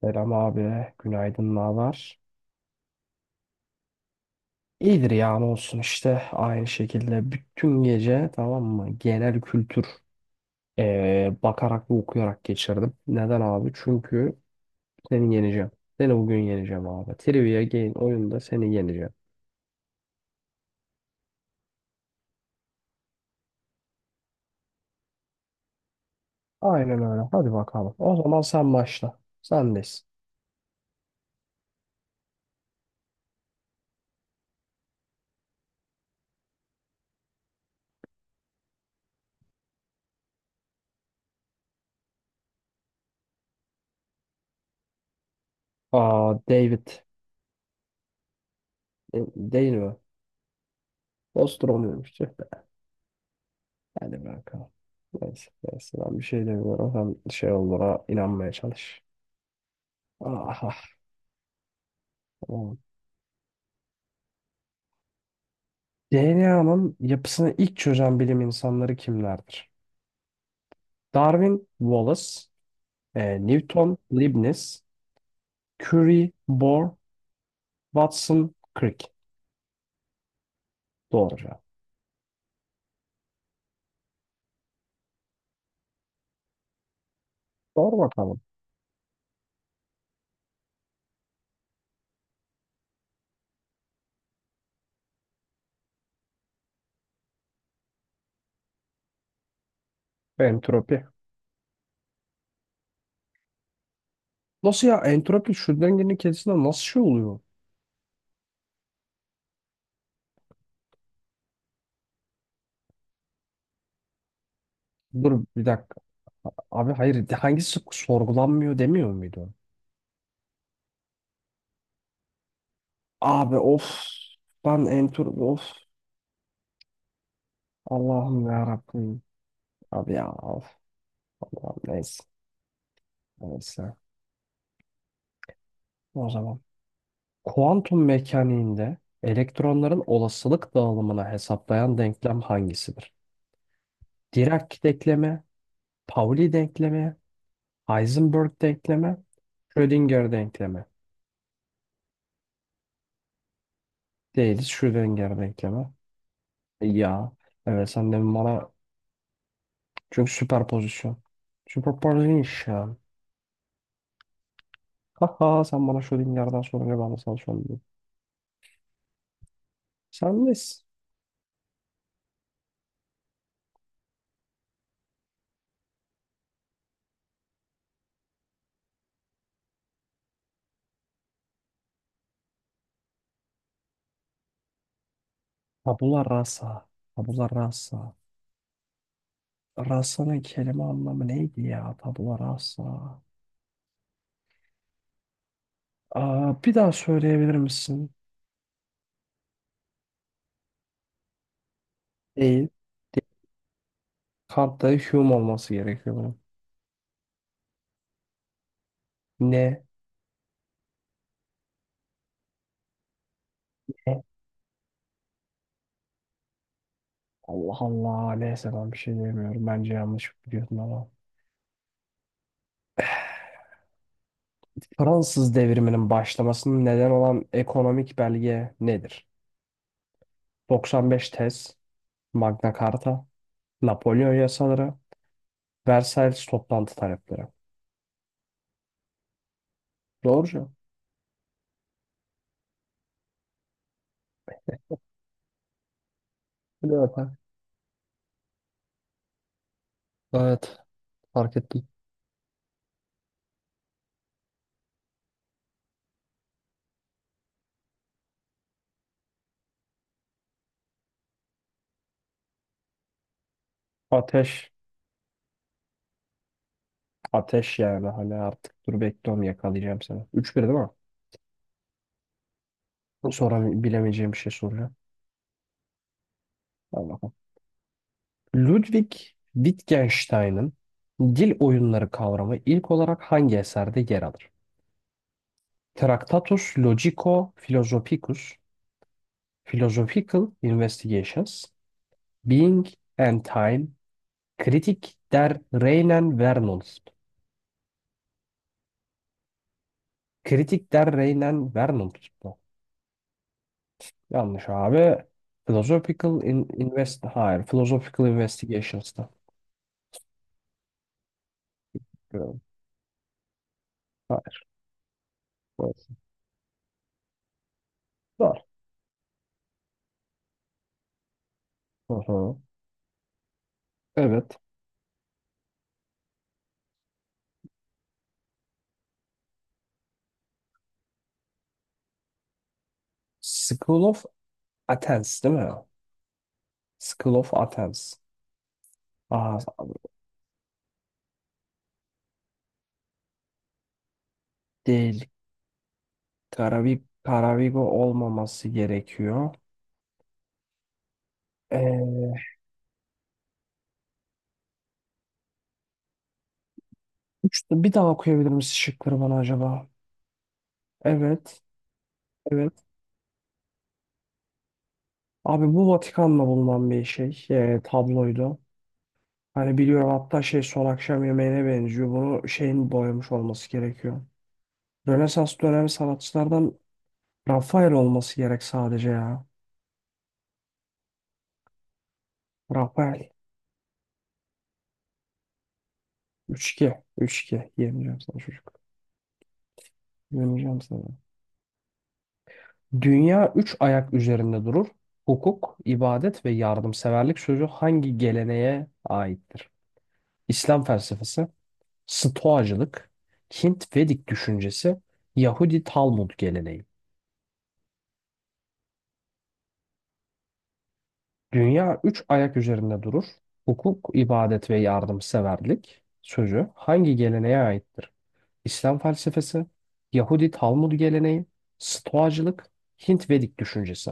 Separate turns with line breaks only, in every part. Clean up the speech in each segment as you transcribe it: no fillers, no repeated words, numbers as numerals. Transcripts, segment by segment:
Selam abi, günaydın, ne var? İyidir ya ne olsun işte aynı şekilde bütün gece tamam mı genel kültür bakarak ve okuyarak geçirdim. Neden abi? Çünkü seni yeneceğim. Seni bugün yeneceğim abi. Trivia game oyunda seni yeneceğim. Aynen öyle. Hadi bakalım. O zaman sen başla. Sendeyiz. Aa David. E, değil mi? Nostromo'ymuş. Tüh be. Hadi bakalım. Neyse, neyse ben bir şey demiyorum. Sen şey olduğuna inanmaya çalış. Ah, ah. DNA'nın yapısını ilk çözen bilim insanları kimlerdir? Darwin, Wallace, Newton, Leibniz, Curie, Bohr, Watson, Crick. Doğru cevap. Doğru bakalım. Entropi. Nasıl ya entropi şu dengenin kendisinde nasıl şey oluyor? Dur bir dakika. Abi hayır hangisi sorgulanmıyor demiyor muydu? Abi of. Ben entropi of. Allah'ım ya Rabbim. Abi ya of. Allah'ım neyse. Neyse. O zaman. Kuantum mekaniğinde elektronların olasılık dağılımını hesaplayan denklem hangisidir? Dirac denklemi, Pauli denklemi, Heisenberg denklemi, Schrödinger denklemi. Değiliz Schrödinger denklemi. Ya evet sen de bana çünkü süperpozisyon. Süperpozisyon. Haha sen bana Schrödinger'den sorunca ben de sana sorayım. Sen nesin? Tabula rasa. Tabula rasa. Rasa'nın kelime anlamı neydi ya? Tabula rasa. Aa, bir daha söyleyebilir misin? Değil. Kartta Hume olması gerekiyor bunun. Ne? Ne? Allah Allah. Neyse ben bir şey diyemiyorum. Bence yanlış biliyorsun ama. Fransız devriminin başlamasının neden olan ekonomik belge nedir? 95 tez, Magna Carta, Napolyon yasaları, Versailles toplantı talepleri. Doğru cevap. Hadi bakalım. Evet. Fark ettim. Ateş. Ateş yani. Hani artık dur bekliyorum yakalayacağım seni. Üç 1 değil mi? Sonra bilemeyeceğim bir şey soracağım. Hadi bakalım. Ludwig Wittgenstein'ın dil oyunları kavramı ilk olarak hangi eserde yer alır? Tractatus Logico-Philosophicus, Philosophical Investigations, Being and Time, Kritik der Reinen Vernunft. Kritik der Reinen Vernunft bu. Yanlış abi. Philosophical in invest hayır, Philosophical Investigations'ta. Hayır. Doğru. Doğru. Hı hı. Evet. School of Athens değil mi? School of Athens. Aa, değil. Karavik, Karavigo olmaması gerekiyor. Ee, bir daha okuyabilir misin şıkları bana acaba? Evet. Evet. Abi bu Vatikan'la bulunan bir şey. Tabloydu. Hani biliyorum hatta şey son akşam yemeğine benziyor. Bunu şeyin boyamış olması gerekiyor. Rönesans dönemi sanatçılardan Rafael olması gerek sadece ya. Rafael. Üç 2 üç 2 Yemeyeceğim sana çocuk. Döneceğim sana. Dünya üç ayak üzerinde durur. Hukuk, ibadet ve yardımseverlik sözü hangi geleneğe aittir? İslam felsefesi, Stoacılık, Hint Vedik düşüncesi, Yahudi Talmud geleneği. Dünya üç ayak üzerinde durur. Hukuk, ibadet ve yardımseverlik sözü hangi geleneğe aittir? İslam felsefesi, Yahudi Talmud geleneği, Stoacılık, Hint Vedik düşüncesi.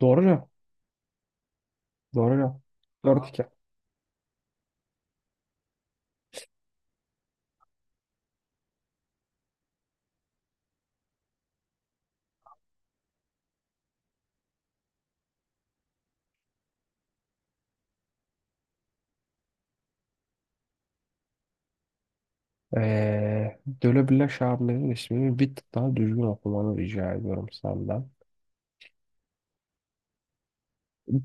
Doğru cevap. Doğru cevap. 4 Döleplaş abimin ismini bir tık daha düzgün okumanı rica ediyorum senden.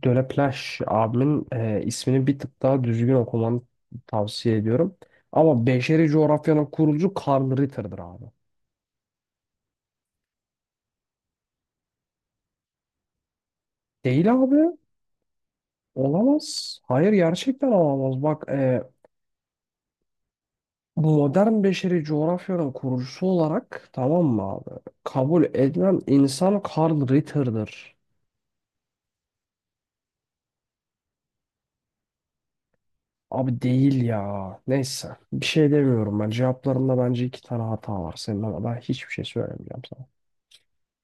Döleplaş abimin ismini bir tık daha düzgün okumanı tavsiye ediyorum. Ama beşeri coğrafyanın kurucu Karl Ritter'dır abi. Değil abi. Olamaz. Hayır gerçekten olamaz. Bak modern beşeri coğrafyanın kurucusu olarak tamam mı abi? Kabul edilen insan Karl Ritter'dır. Abi değil ya. Neyse. Bir şey demiyorum ben. Cevaplarında bence iki tane hata var. Senin ama ben hiçbir şey söylemeyeceğim sana.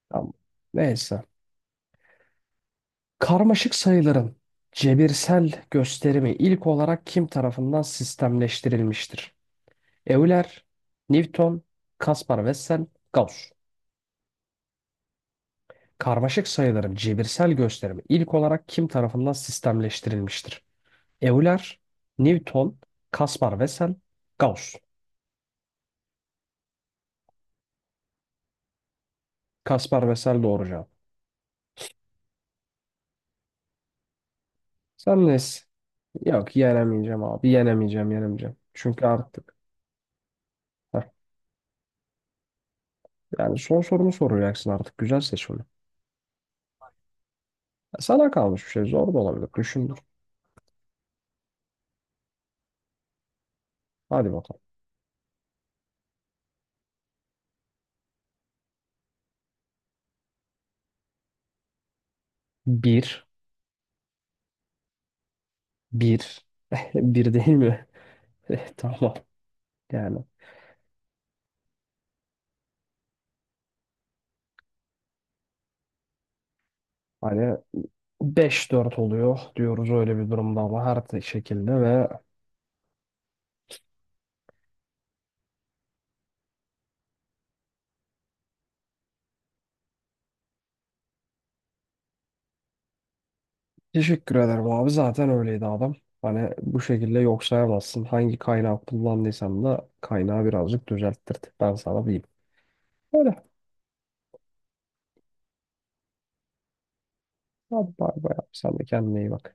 Tamam. Neyse. Karmaşık sayıların cebirsel gösterimi ilk olarak kim tarafından sistemleştirilmiştir? Euler, Newton, Kaspar Wessel, Gauss. Karmaşık sayıların cebirsel gösterimi ilk olarak kim tarafından sistemleştirilmiştir? Euler, Newton, Kaspar Wessel, Gauss. Kaspar Wessel doğru cevap. Sen nesin? Yok yenemeyeceğim abi. Yenemeyeceğim, yenemeyeceğim. Çünkü artık heh, yani son sorumu soracaksın artık. Güzel seç onu. Sana kalmış bir şey. Zor da olabilir. Düşündür. Hadi bakalım. Bir. Bir. Bir değil mi? Eh, tamam. Yani hani 5-4 oluyor diyoruz öyle bir durumda ama her şekilde ve teşekkür ederim abi. Zaten öyleydi adam. Hani bu şekilde yok sayamazsın. Hangi kaynağı kullandıysan da kaynağı birazcık düzelttirdik. Ben sana diyeyim. Öyle. Hadi bay bay abi. Sen de kendine iyi bak.